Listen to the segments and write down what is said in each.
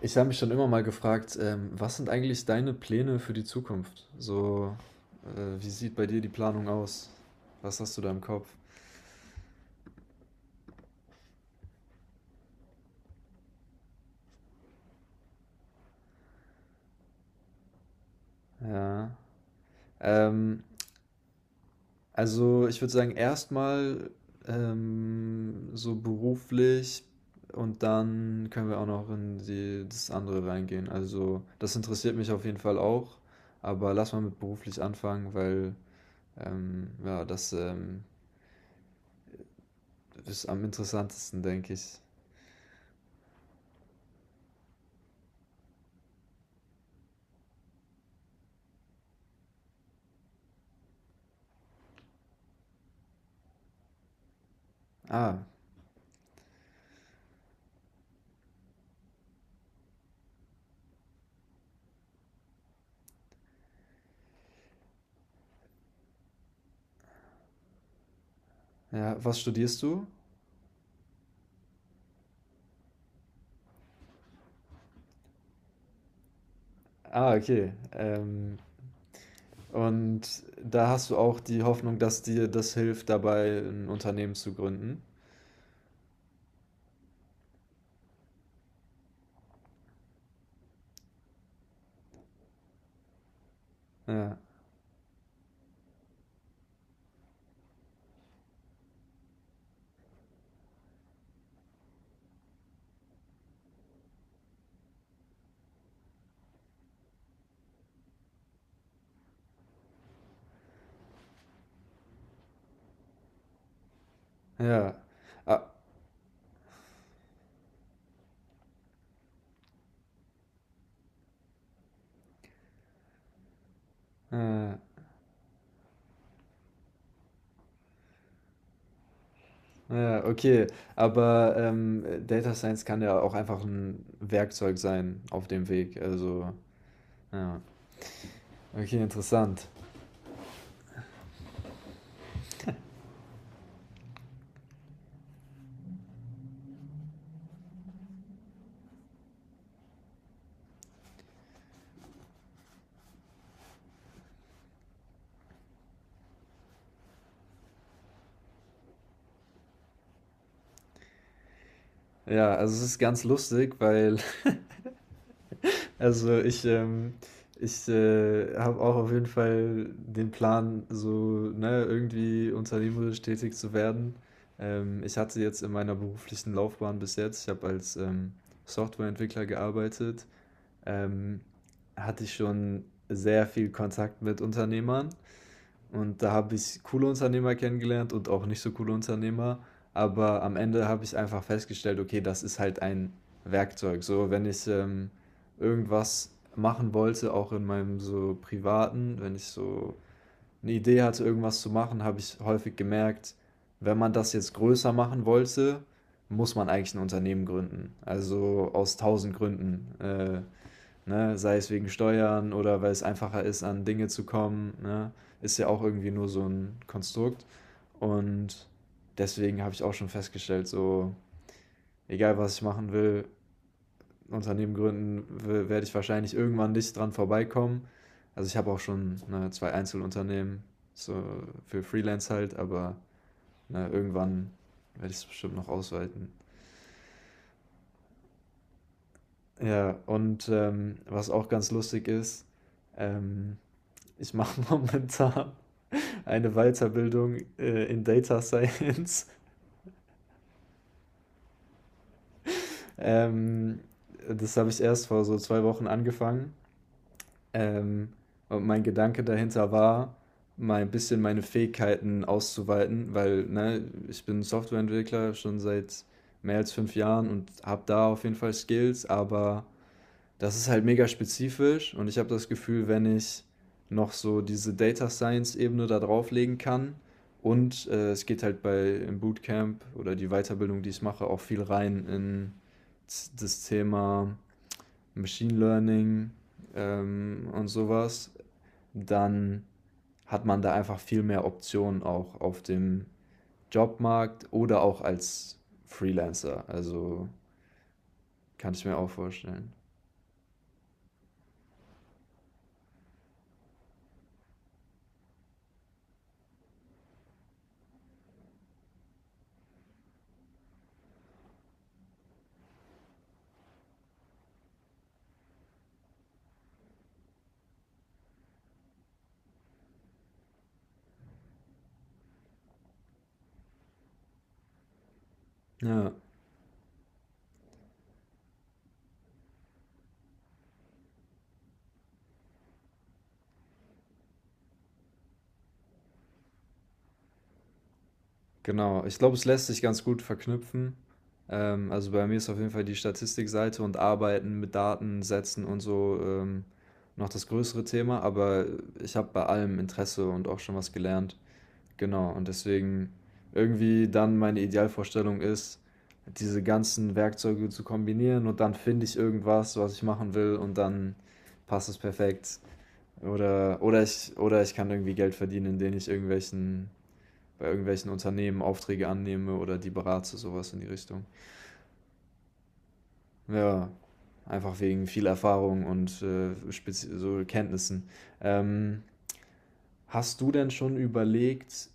Ich habe mich schon immer mal gefragt, was sind eigentlich deine Pläne für die Zukunft? So, wie sieht bei dir die Planung aus? Was hast du da im Kopf? Ja. Ähm, also ich würde sagen, erstmal so beruflich und dann können wir auch noch in die, das andere reingehen. Also das interessiert mich auf jeden Fall auch, aber lass mal mit beruflich anfangen, weil ja, das ist am interessantesten, denke ich. Ah. Ja, was studierst du? Ah, okay. Und da hast du auch die Hoffnung, dass dir das hilft, dabei ein Unternehmen zu gründen? Ja, ja. Ah, ah, ja, okay. Aber Data Science kann ja auch einfach ein Werkzeug sein auf dem Weg. Also, ja. Okay, interessant. Ja, also es ist ganz lustig, weil Also ich, ähm habe auch auf jeden Fall den Plan, so, ne, irgendwie unternehmerisch tätig zu werden. Ich hatte jetzt in meiner beruflichen Laufbahn bis jetzt ich habe als, Softwareentwickler gearbeitet, ähm, hatte ich schon sehr viel Kontakt mit Unternehmern und da habe ich coole Unternehmer kennengelernt und auch nicht so coole Unternehmer. Aber am Ende habe ich einfach festgestellt, okay, das ist halt ein Werkzeug. So, wenn ich irgendwas machen wollte, auch in meinem so privaten, wenn ich so eine Idee hatte, irgendwas zu machen, habe ich häufig gemerkt, wenn man das jetzt größer machen wollte, muss man eigentlich ein Unternehmen gründen. Also aus tausend Gründen. Ne? Sei es wegen Steuern oder weil es einfacher ist, an Dinge zu kommen, ne? Ist ja auch irgendwie nur so ein Konstrukt. Und deswegen habe ich auch schon festgestellt, so, egal was ich machen will, Unternehmen gründen, w werde ich wahrscheinlich irgendwann nicht dran vorbeikommen. Also, ich habe auch schon, ne, 2 Einzelunternehmen, so für Freelance halt, aber, ne, irgendwann werde ich's bestimmt noch ausweiten. Ja, und, was auch ganz lustig ist, ähm, ich mache momentan eine Weiterbildung in Data Science. Ähm, Das habe ich erst vor so zwei Wochen angefangen. Ähm, und mein Gedanke dahinter war, mal ein bisschen meine Fähigkeiten auszuweiten, weil ne, ich bin Softwareentwickler schon seit mehr als fünf Jahren und habe da auf jeden Fall Skills, aber das ist halt mega spezifisch und ich habe das Gefühl, wenn ich noch so diese Data Science Ebene da drauflegen kann und es geht halt bei im Bootcamp oder die Weiterbildung, die ich mache, auch viel rein in das Thema Machine Learning und sowas, dann hat man da einfach viel mehr Optionen auch auf dem Jobmarkt oder auch als Freelancer. Also kann ich mir auch vorstellen. Ja. Genau, ich glaube, es lässt sich ganz gut verknüpfen. Also bei mir ist auf jeden Fall die Statistikseite und Arbeiten mit Datensätzen und so noch das größere Thema, aber ich habe bei allem Interesse und auch schon was gelernt. Genau, und deswegen irgendwie dann meine Idealvorstellung ist, diese ganzen Werkzeuge zu kombinieren und dann finde ich irgendwas, was ich machen will und dann passt es perfekt. Oder ich kann irgendwie Geld verdienen, indem ich irgendwelchen bei irgendwelchen Unternehmen Aufträge annehme oder die berate, sowas in die Richtung. Ja, einfach wegen viel Erfahrung und so Kenntnissen. Ähm, Hast du denn schon überlegt,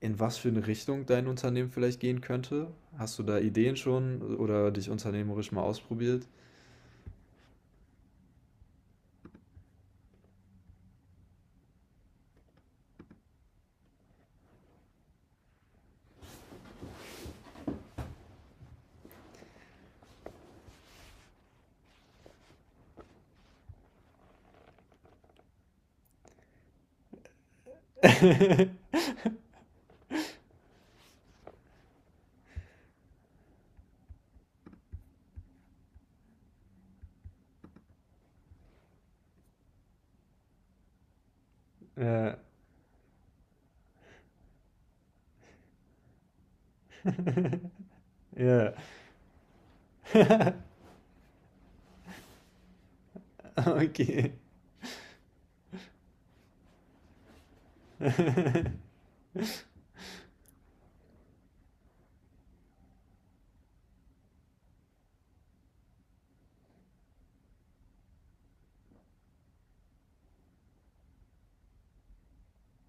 in was für eine Richtung dein Unternehmen vielleicht gehen könnte? Hast du da Ideen schon oder dich unternehmerisch mal ausprobiert? Ja. Ja.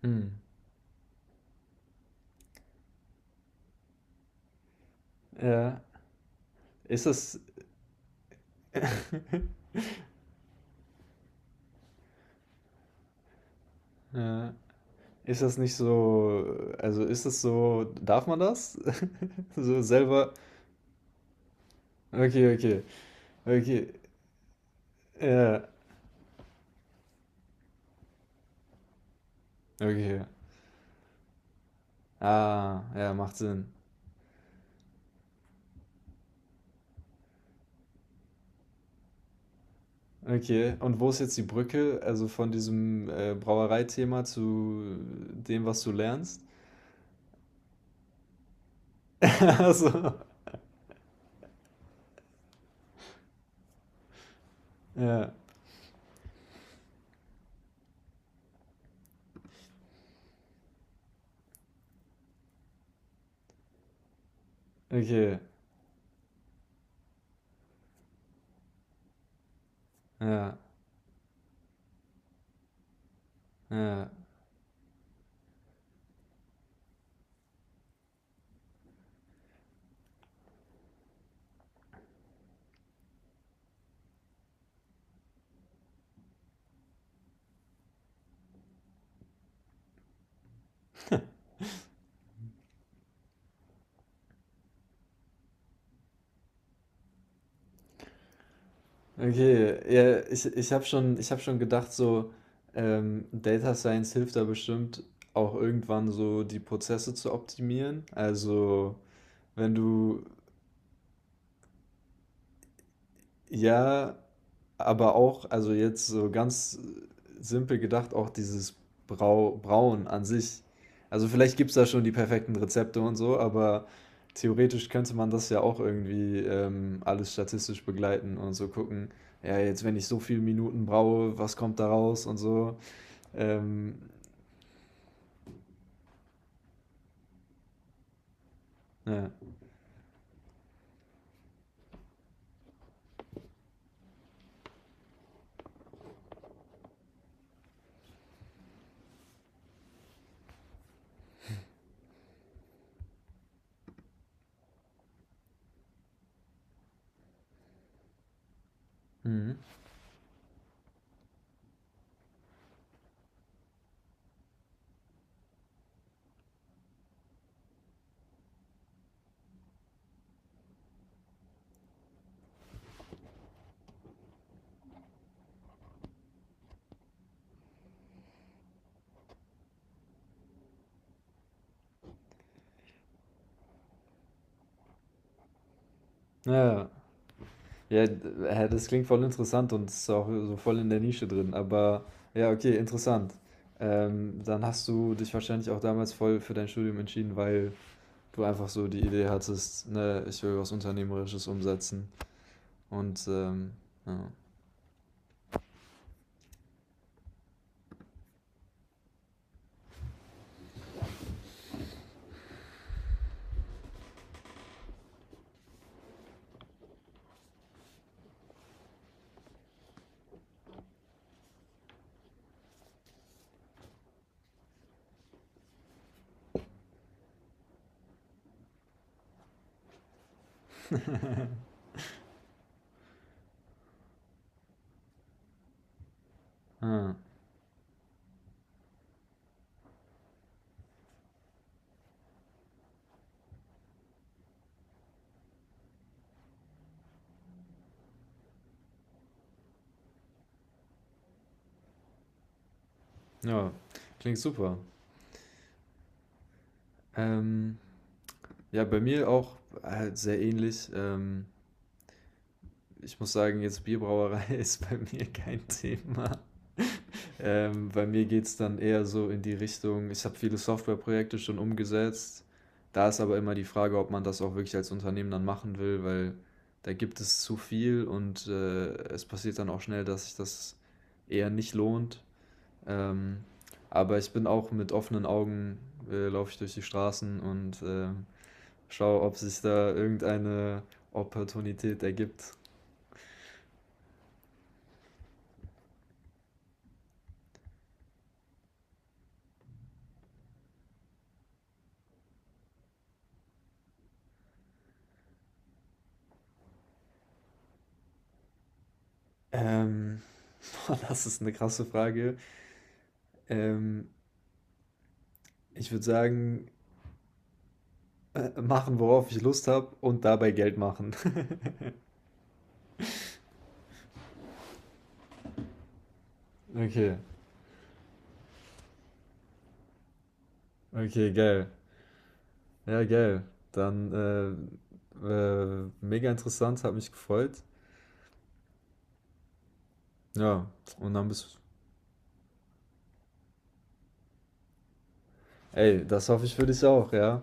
Hm. Ja. Ist das, ja. Ist das nicht so, also ist das so, darf man das? So selber. Okay, okay, okay. Ja, okay. Ah, ja, macht Sinn. Okay, und wo ist jetzt die Brücke, also von diesem Brauereithema zu dem, was du lernst? Also, ja, okay, ja, ja, okay. Ja, ich hab schon gedacht, so Data Science hilft da bestimmt auch irgendwann so die Prozesse zu optimieren. Also, wenn du, ja, aber auch, also jetzt so ganz simpel gedacht, auch dieses Brauen an sich. Also vielleicht gibt es da schon die perfekten Rezepte und so, aber theoretisch könnte man das ja auch irgendwie alles statistisch begleiten und so gucken, ja, jetzt wenn ich so viele Minuten braue, was kommt da raus und so. Ähm, ja. Mhm. Ja, ja. Ja, das klingt voll interessant und ist auch so voll in der Nische drin. Aber ja, okay, interessant. Dann hast du dich wahrscheinlich auch damals voll für dein Studium entschieden, weil du einfach so die Idee hattest, ne, ich will was Unternehmerisches umsetzen. Und ja. Ah, ja, klingt super. Ähm, ja, bei mir auch halt sehr ähnlich. Ich muss sagen, jetzt Bierbrauerei ist bei mir kein Thema. Bei mir geht es dann eher so in die Richtung, ich habe viele Softwareprojekte schon umgesetzt. Da ist aber immer die Frage, ob man das auch wirklich als Unternehmen dann machen will, weil da gibt es zu viel und es passiert dann auch schnell, dass sich das eher nicht lohnt. Ähm, aber ich bin auch mit offenen Augen, laufe ich durch die Straßen und schaue, ob sich da irgendeine Opportunität ergibt. Ähm, Boah, das ist eine krasse Frage. Ähm, Ich würde sagen, machen, worauf ich Lust habe und dabei Geld machen. Okay, okay, geil. Ja, geil. Dann mega interessant, hat mich gefreut. Ja, und dann bist du. Ey, das hoffe ich für dich auch, ja.